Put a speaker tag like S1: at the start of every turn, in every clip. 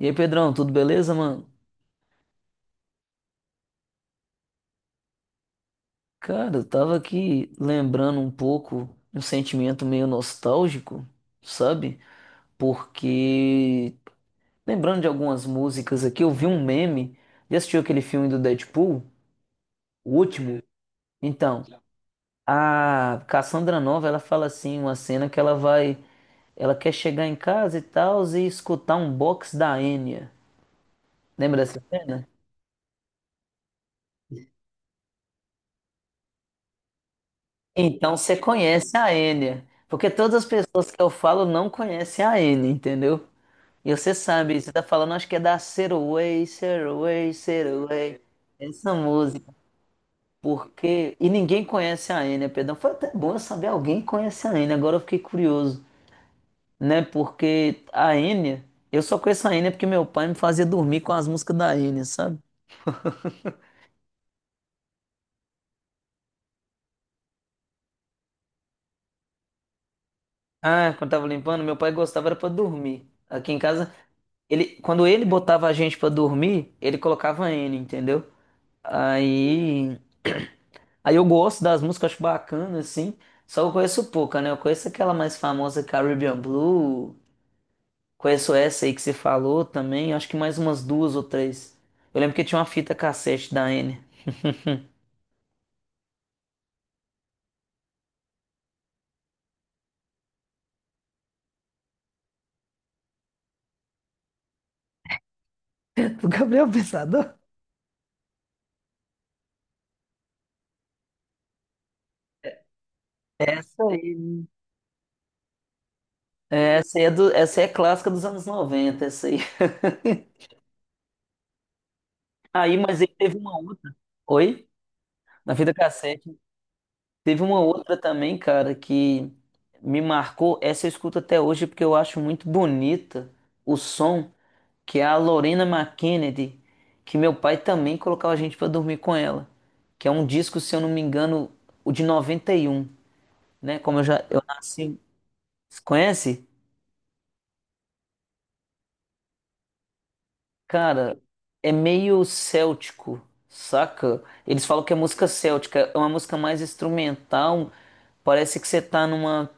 S1: E aí, Pedrão, tudo beleza, mano? Cara, eu tava aqui lembrando um pouco um sentimento meio nostálgico, sabe? Porque lembrando de algumas músicas aqui, eu vi um meme. Já assistiu aquele filme do Deadpool? O último? Então, a Cassandra Nova, ela fala assim, uma cena que ela vai, ela quer chegar em casa e tal e escutar um box da Enya. Lembra dessa cena? Então você conhece a Enya, porque todas as pessoas que eu falo não conhecem a Enya, entendeu? E você sabe, você tá falando, acho que é da Saraway, Saraway, Saraway, essa música, porque... E ninguém conhece a Enya, perdão, foi até bom eu saber alguém conhece a Enya, agora eu fiquei curioso, né? Porque a Enya, eu só conheço a Enya porque meu pai me fazia dormir com as músicas da Enya, sabe? Ah, quando tava limpando, meu pai gostava era pra dormir. Aqui em casa, quando ele botava a gente pra dormir, ele colocava N, entendeu? Aí, aí, eu gosto das músicas, acho bacana, assim. Só que eu conheço pouca, né? Eu conheço aquela mais famosa Caribbean Blue. Conheço essa aí que você falou também. Acho que mais umas duas ou três. Eu lembro que tinha uma fita cassete da N. Do Gabriel Pensador? Essa aí. É, essa aí é clássica dos anos 90, essa aí. Aí, mas ele teve uma outra. Oi? Na fita cassete. Teve uma outra também, cara, que me marcou. Essa eu escuto até hoje porque eu acho muito bonita o som, que é a Lorena McKennedy, que meu pai também colocava a gente pra dormir com ela. Que é um disco, se eu não me engano, o de noventa e um, né? Como eu nasci. Conhece? Cara, é meio céltico, saca? Eles falam que é música céltica, é uma música mais instrumental. Parece que você tá numa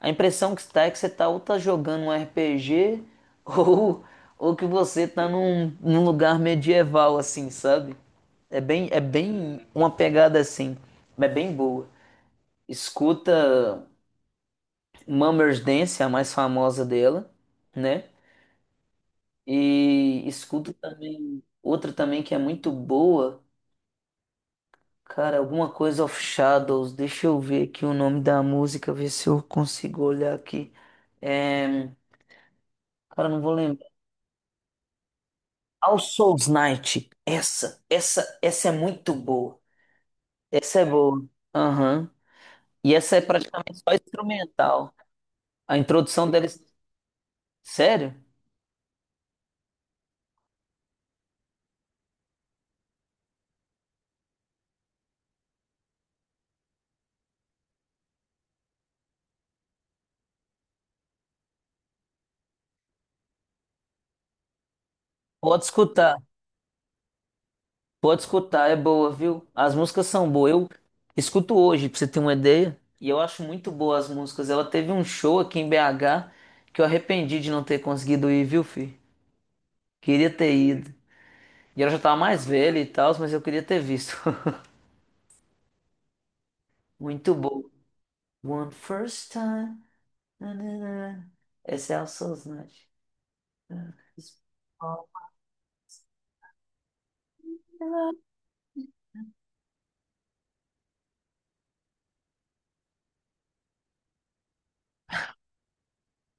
S1: A impressão que está é que você tá ou tá jogando um RPG ou, ou que você tá num lugar medieval, assim, sabe? É bem uma pegada assim, mas é bem boa. Escuta Mummer's Dance, a mais famosa dela, né? E escuta também outra também que é muito boa, cara, alguma coisa of Shadows. Deixa eu ver aqui o nome da música, ver se eu consigo olhar aqui. É, cara, não vou lembrar. All Souls Night. Essa é muito boa. Essa é boa. Aham. E essa é praticamente só instrumental. A introdução deles. Sério? Pode escutar. Pode escutar, é boa, viu? As músicas são boas. Eu escuto hoje, pra você ter uma ideia. E eu acho muito boas as músicas. Ela teve um show aqui em BH que eu arrependi de não ter conseguido ir, viu, filho? Queria ter ido. E ela já tava mais velha e tal, mas eu queria ter visto. Muito boa. One first time. Nananã. Esse é o Sosnante.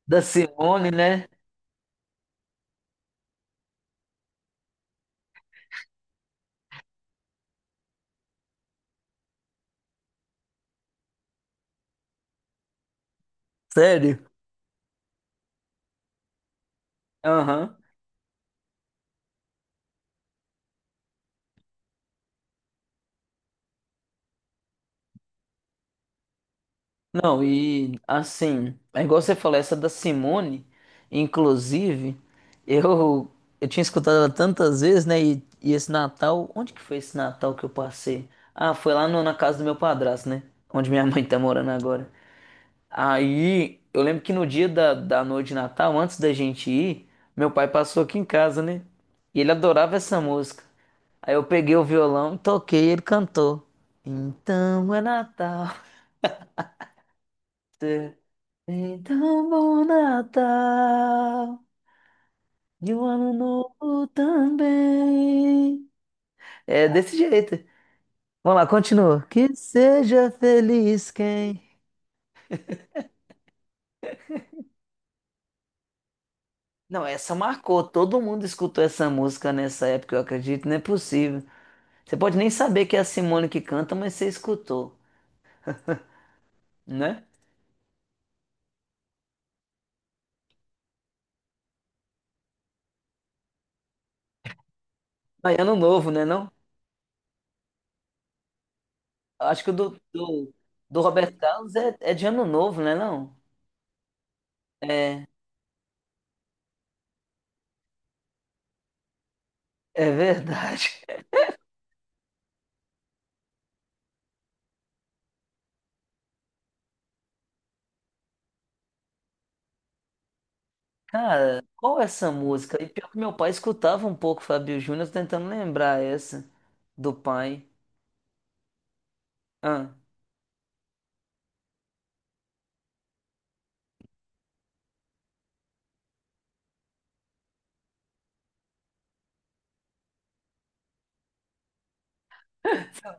S1: Da Simone, né? Sério? Aham. Não, e assim, é igual você falou, essa da Simone, inclusive, eu, eu tinha escutado ela tantas vezes, né? E esse Natal, onde que foi esse Natal que eu passei? Ah, foi lá no- na casa do meu padrasto, né? Onde minha mãe tá morando agora. Aí, eu lembro que no dia da noite de Natal, antes da gente ir, meu pai passou aqui em casa, né? E ele adorava essa música. Aí eu peguei o violão, toquei e ele cantou. Então é Natal. tê- Então bom Natal. E um ano novo também. É desse jeito. Vamos lá, continua. Que seja feliz quem. Não, essa marcou. Todo mundo escutou essa música nessa época, eu acredito. Não é possível. Você pode nem saber que é a Simone que canta, mas você escutou, né? Aí, ano novo, né, não? Acho que o do Roberto Carlos é de ano novo, né, não? É, é, verdade. Cara, qual é essa música? E pior que meu pai escutava um pouco Fábio Júnior, tô tentando lembrar essa do pai. Ah,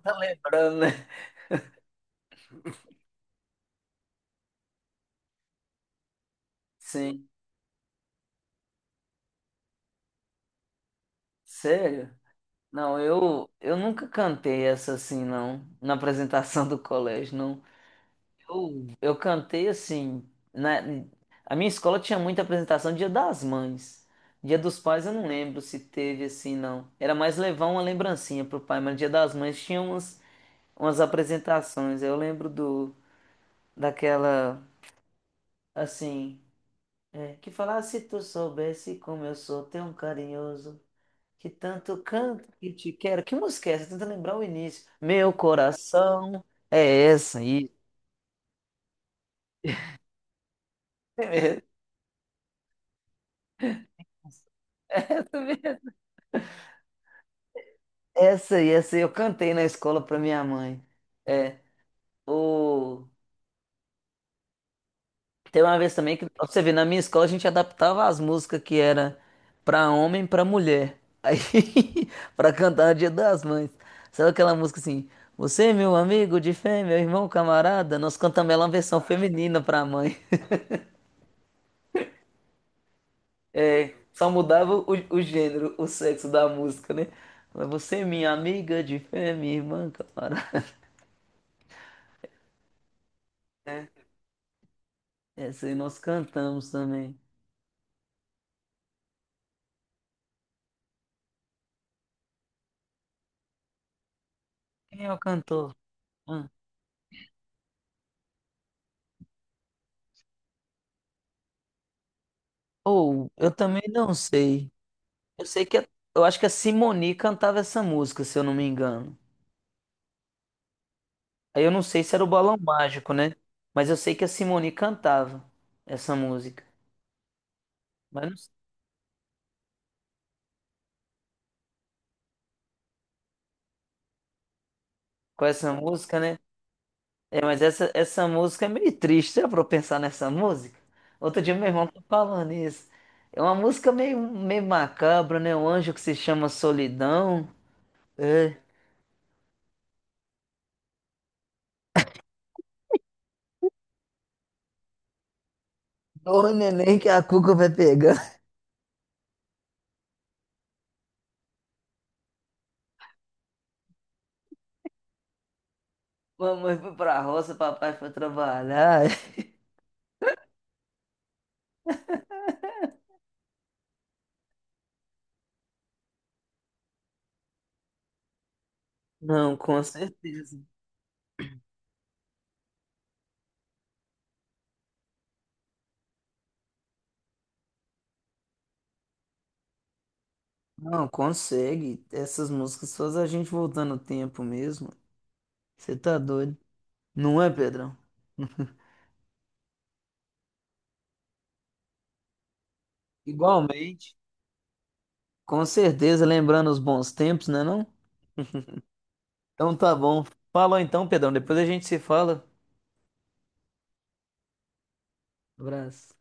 S1: tá lembrando, né? Sim. Sério? Não, eu nunca cantei essa assim, não, na apresentação do colégio, não. Eu cantei assim. A minha escola tinha muita apresentação Dia das Mães. Dia dos Pais eu não lembro se teve assim, não. Era mais levar uma lembrancinha pro pai, mas Dia das Mães tinha umas apresentações. Eu lembro do daquela assim, é, que falava se tu soubesse como eu sou tão carinhoso, que tanto canto que te quero. Que música é essa? Tenta lembrar o início. Meu coração é essa aí. Essa aí eu cantei na escola pra minha mãe. É. O... Tem uma vez também que, pra você ver, na minha escola a gente adaptava as músicas que era pra homem, pra mulher. Aí, pra cantar no Dia das Mães. Sabe aquela música assim? Você, meu amigo de fé, meu irmão, camarada, nós cantamos ela uma versão feminina pra mãe. É, só mudava o gênero, o sexo da música, né? Mas Você, minha amiga de fé, minha irmã, camarada. Essa aí nós cantamos também. Quem é o cantor? Ah, ou, eu também não sei. Eu sei que, eu acho que a Simone cantava essa música, se eu não me engano. Aí eu não sei se era o Balão Mágico, né? Mas eu sei que a Simone cantava essa música. Mas não sei. Com essa música, né? É, mas essa, música é meio triste, é pra eu pensar nessa música. Outro dia meu irmão tá falando isso. É uma música meio macabra, né? O anjo que se chama Solidão. É. Dor neném que a cuca vai pegar. Mamãe foi pra roça, papai foi trabalhar. Não, com certeza. Não, consegue. Essas músicas fazem a gente voltar no tempo mesmo. Você tá doido. Não é, Pedrão? Igualmente. Com certeza, lembrando os bons tempos, né, não? Então tá bom. Falou então, Pedrão. Depois a gente se fala. Abraço.